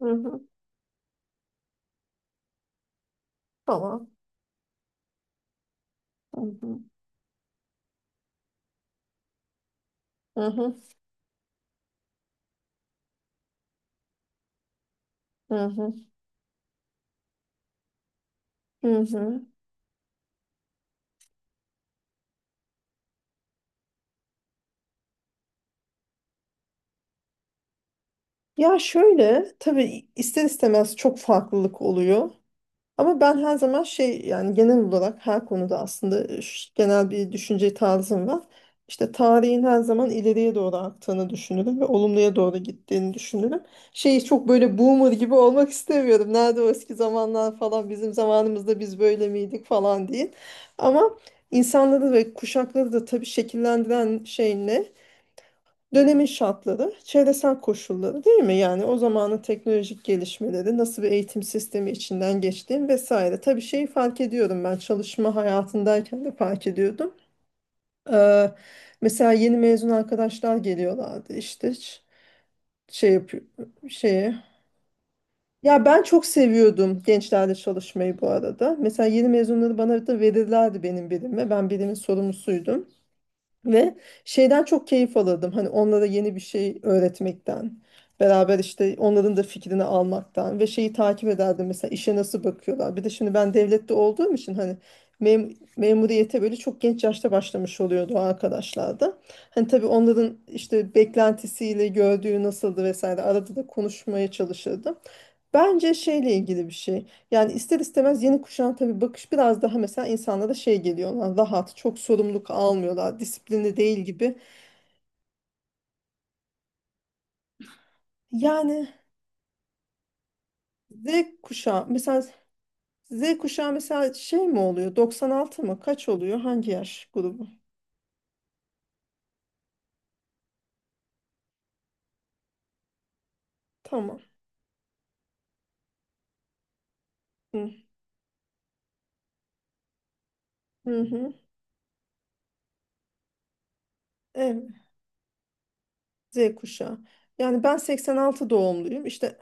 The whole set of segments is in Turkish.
Hı hı. Tamam. Hı hı. Hı hı. Hı hı. Hı hı. Ya şöyle tabii ister istemez çok farklılık oluyor. Ama ben her zaman şey yani genel olarak her konuda aslında genel bir düşünce tarzım var. İşte tarihin her zaman ileriye doğru aktığını düşünürüm ve olumluya doğru gittiğini düşünürüm. Şey çok böyle boomer gibi olmak istemiyorum. Nerede o eski zamanlar falan, bizim zamanımızda biz böyle miydik falan değil. Ama insanları ve kuşakları da tabii şekillendiren şey ne? Dönemin şartları, çevresel koşulları değil mi? Yani o zamanın teknolojik gelişmeleri, nasıl bir eğitim sistemi içinden geçtiğim vesaire. Tabii şeyi fark ediyorum, ben çalışma hayatındayken de fark ediyordum. Ee, mesela yeni mezun arkadaşlar geliyorlardı işte şey yapıyor şeye. Ya ben çok seviyordum gençlerle çalışmayı bu arada. Mesela yeni mezunları bana da verirlerdi, benim birime. Ben birimin sorumlusuydum. Ve şeyden çok keyif alırdım. Hani onlara yeni bir şey öğretmekten. Beraber işte onların da fikrini almaktan ve şeyi takip ederdim, mesela işe nasıl bakıyorlar. Bir de şimdi ben devlette olduğum için hani memuriyete böyle çok genç yaşta başlamış oluyordu o arkadaşlar da. Hani tabii onların işte beklentisiyle gördüğü nasıldı vesaire, arada da konuşmaya çalışırdım. Bence şeyle ilgili bir şey. Yani ister istemez yeni kuşağın tabii bakış biraz daha mesela insanlara şey geliyor. "Lan rahat, çok sorumluluk almıyorlar, disiplinli değil" gibi. Yani Z kuşağı mesela Z kuşağı mesela şey mi oluyor? 96 mı? Kaç oluyor? Hangi yaş grubu? Tamam. Hı hı. Hı. Evet. Z kuşağı. Yani ben 86 doğumluyum. İşte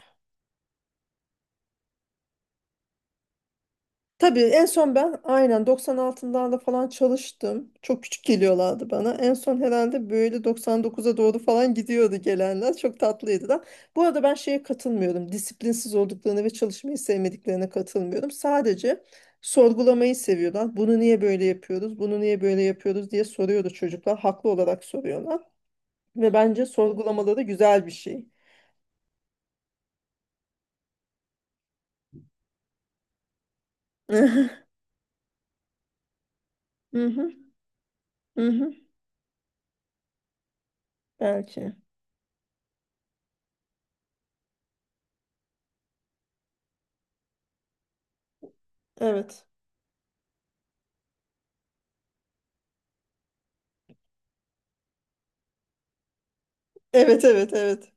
tabii en son ben aynen 96'larda falan çalıştım. Çok küçük geliyorlardı bana. En son herhalde böyle 99'a doğru falan gidiyordu gelenler. Çok tatlıydı da. Bu arada ben şeye katılmıyorum. Disiplinsiz olduklarına ve çalışmayı sevmediklerine katılmıyorum. Sadece sorgulamayı seviyorlar. Bunu niye böyle yapıyoruz? Bunu niye böyle yapıyoruz diye soruyordu çocuklar. Haklı olarak soruyorlar. Ve bence sorgulamaları güzel bir şey. Hı hı, hı hı, hı hı. Belki. Evet. Evet, evet, evet.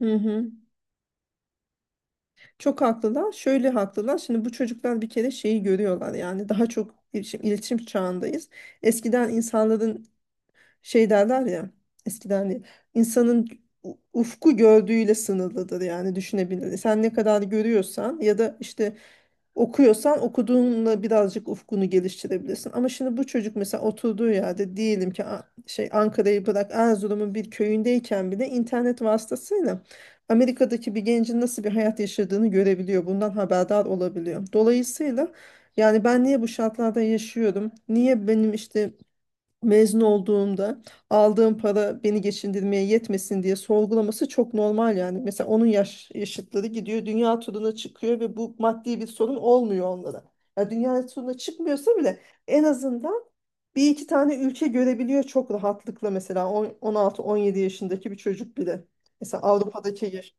Hı hı. Çok haklılar. Şöyle haklılar. Şimdi bu çocuklar bir kere şeyi görüyorlar. Yani daha çok iletişim çağındayız. Eskiden insanların şey derler ya. Eskiden değil, insanın ufku gördüğüyle sınırlıdır, yani düşünebilir. Sen ne kadar görüyorsan ya da işte okuyorsan okuduğunla birazcık ufkunu geliştirebilirsin. Ama şimdi bu çocuk mesela oturduğu yerde diyelim ki şey Ankara'yı bırak, Erzurum'un bir köyündeyken bile internet vasıtasıyla Amerika'daki bir gencin nasıl bir hayat yaşadığını görebiliyor. Bundan haberdar olabiliyor. Dolayısıyla yani ben niye bu şartlarda yaşıyorum? Niye benim işte mezun olduğumda aldığım para beni geçindirmeye yetmesin diye sorgulaması çok normal yani. Mesela onun yaşıtları gidiyor dünya turuna çıkıyor ve bu maddi bir sorun olmuyor onlara. Ya dünya turuna çıkmıyorsa bile en azından bir iki tane ülke görebiliyor çok rahatlıkla, mesela 16-17 yaşındaki bir çocuk bile. Mesela Avrupa'daki.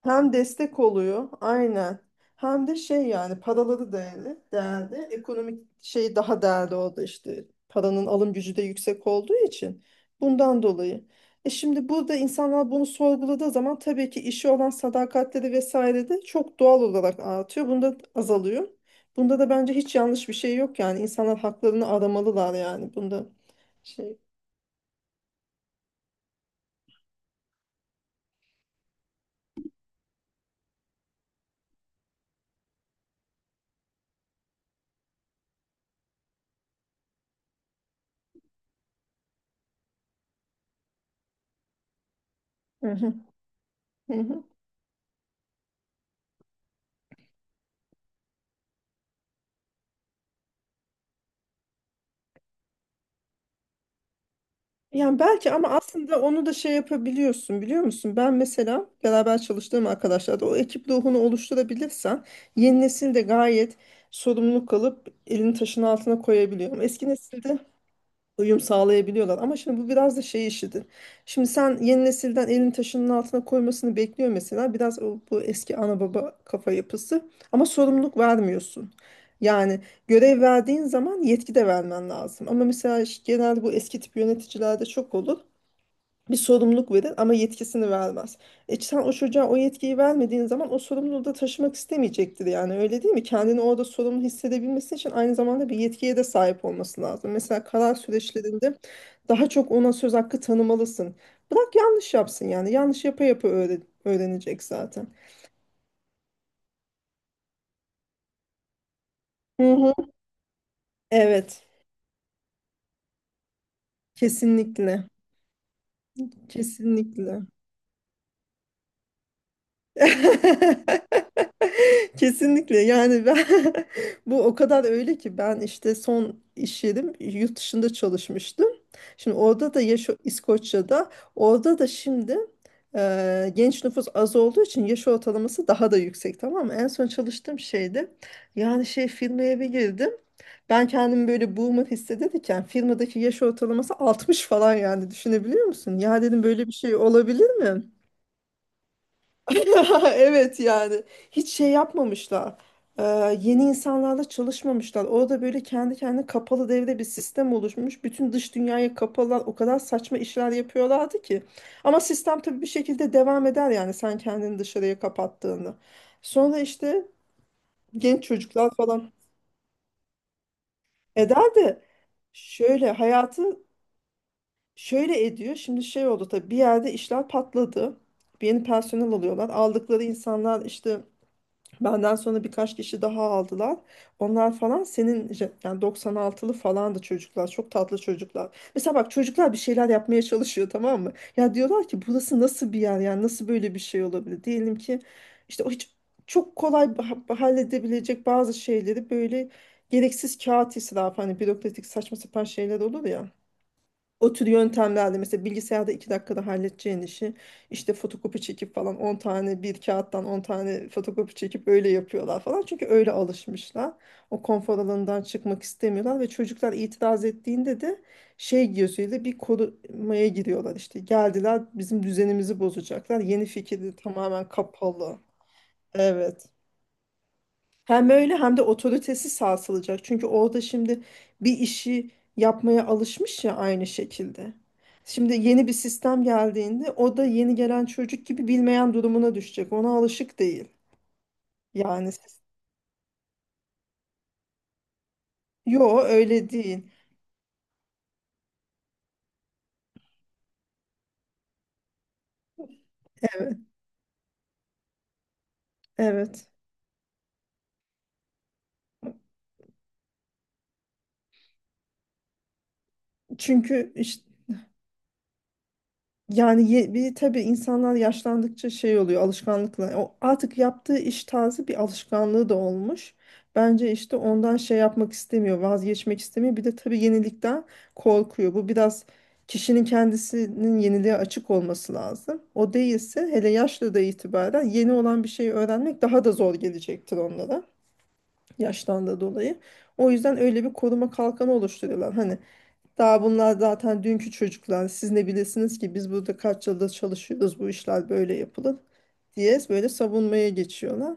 Hem destek oluyor aynen. Hem de şey, yani paraları değerli, değerli. Ekonomik şey daha değerli orada işte. Paranın alım gücü de yüksek olduğu için. Bundan dolayı. E şimdi burada insanlar bunu sorguladığı zaman tabii ki işi olan sadakatleri vesaire de çok doğal olarak artıyor. Bunda azalıyor. Bunda da bence hiç yanlış bir şey yok yani. İnsanlar haklarını aramalılar yani. Bunda şey. Hı hı. Hı hı. Yani belki, ama aslında onu da şey yapabiliyorsun biliyor musun? Ben mesela beraber çalıştığım arkadaşlar da, o ekip ruhunu oluşturabilirsen yeni nesil de gayet sorumluluk alıp elini taşın altına koyabiliyor. Ama eski nesilde uyum sağlayabiliyorlar. Ama şimdi bu biraz da şey işidir. Şimdi sen yeni nesilden elin taşının altına koymasını bekliyor mesela. Biraz bu eski ana baba kafa yapısı. Ama sorumluluk vermiyorsun. Yani görev verdiğin zaman yetki de vermen lazım. Ama mesela işte genelde bu eski tip yöneticilerde çok olur, bir sorumluluk verir ama yetkisini vermez. E sen o çocuğa o yetkiyi vermediğin zaman o sorumluluğu da taşımak istemeyecektir, yani öyle değil mi? Kendini orada sorumlu hissedebilmesi için aynı zamanda bir yetkiye de sahip olması lazım. Mesela karar süreçlerinde daha çok ona söz hakkı tanımalısın. Bırak yanlış yapsın, yani yanlış yapa yapa öğrenecek zaten. Hı hı. Evet, kesinlikle kesinlikle. Kesinlikle yani, ben bu o kadar öyle ki, ben işte son iş yerim yurt dışında çalışmıştım. Şimdi orada da İskoçya'da, orada da şimdi genç nüfus az olduğu için yaş ortalaması daha da yüksek, tamam mı? En son çalıştığım şeydi, yani şey firmaya bir girdim. Ben kendimi böyle boomer hissedilirken firmadaki yaş ortalaması 60 falan, yani düşünebiliyor musun? Ya dedim, böyle bir şey olabilir mi? Evet yani hiç şey yapmamışlar. Ee, yeni insanlarla çalışmamışlar. Orada böyle kendi kendine kapalı devre bir sistem oluşmuş. Bütün dış dünyaya kapalı. O kadar saçma işler yapıyorlardı ki. Ama sistem tabii bir şekilde devam eder, yani sen kendini dışarıya kapattığında. Sonra işte genç çocuklar falan eder de, şöyle hayatı şöyle ediyor. Şimdi şey oldu tabii, bir yerde işler patladı. Bir yeni personel alıyorlar. Aldıkları insanlar işte. Benden sonra birkaç kişi daha aldılar. Onlar falan senin yani 96'lı falandı çocuklar. Çok tatlı çocuklar. Mesela bak çocuklar bir şeyler yapmaya çalışıyor, tamam mı? Ya diyorlar ki burası nasıl bir yer? Yani nasıl böyle bir şey olabilir? Diyelim ki işte o hiç, çok kolay halledebilecek bazı şeyleri böyle gereksiz kağıt israfı, hani bürokratik saçma sapan şeyler olur ya. O tür yöntemlerle mesela bilgisayarda 2 dakikada halledeceğin işi işte fotokopi çekip falan, 10 tane bir kağıttan 10 tane fotokopi çekip öyle yapıyorlar falan. Çünkü öyle alışmışlar. O konfor alanından çıkmak istemiyorlar ve çocuklar itiraz ettiğinde de şey gözüyle, bir korumaya giriyorlar işte. Geldiler, bizim düzenimizi bozacaklar. Yeni fikirleri tamamen kapalı. Evet. Hem öyle hem de otoritesi sarsılacak. Çünkü orada şimdi bir işi yapmaya alışmış ya aynı şekilde. Şimdi yeni bir sistem geldiğinde o da yeni gelen çocuk gibi bilmeyen durumuna düşecek. Ona alışık değil. Yani yo öyle değil. Evet. Çünkü işte yani bir tabii insanlar yaşlandıkça şey oluyor, alışkanlıkla. O artık yaptığı iş tarzı bir alışkanlığı da olmuş. Bence işte ondan şey yapmak istemiyor, vazgeçmek istemiyor. Bir de tabii yenilikten korkuyor. Bu biraz kişinin kendisinin yeniliğe açık olması lazım. O değilse, hele yaşlı da itibaren yeni olan bir şeyi öğrenmek daha da zor gelecektir onlara, yaştan da dolayı. O yüzden öyle bir koruma kalkanı oluşturuyorlar. Hani daha bunlar zaten dünkü çocuklar. Siz ne bilesiniz ki, biz burada kaç yıldır çalışıyoruz, bu işler böyle yapılır diye böyle savunmaya geçiyorlar.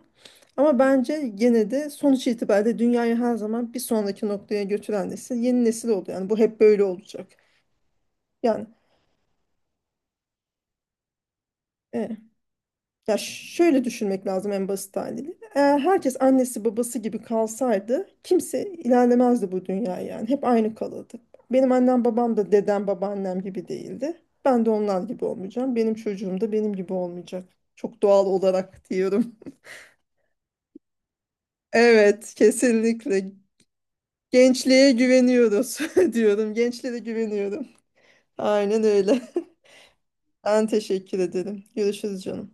Ama bence gene de sonuç itibariyle dünyayı her zaman bir sonraki noktaya götüren nesil yeni nesil oldu. Yani bu hep böyle olacak. Yani e, ya şöyle düşünmek lazım en basit haliyle. Eğer herkes annesi babası gibi kalsaydı kimse ilerlemezdi bu dünya yani. Hep aynı kalırdı. Benim annem babam da dedem babaannem gibi değildi. Ben de onlar gibi olmayacağım. Benim çocuğum da benim gibi olmayacak. Çok doğal olarak diyorum. Evet, kesinlikle. Gençliğe güveniyoruz diyorum. Gençlere güveniyorum. Aynen öyle. Ben teşekkür ederim. Görüşürüz canım.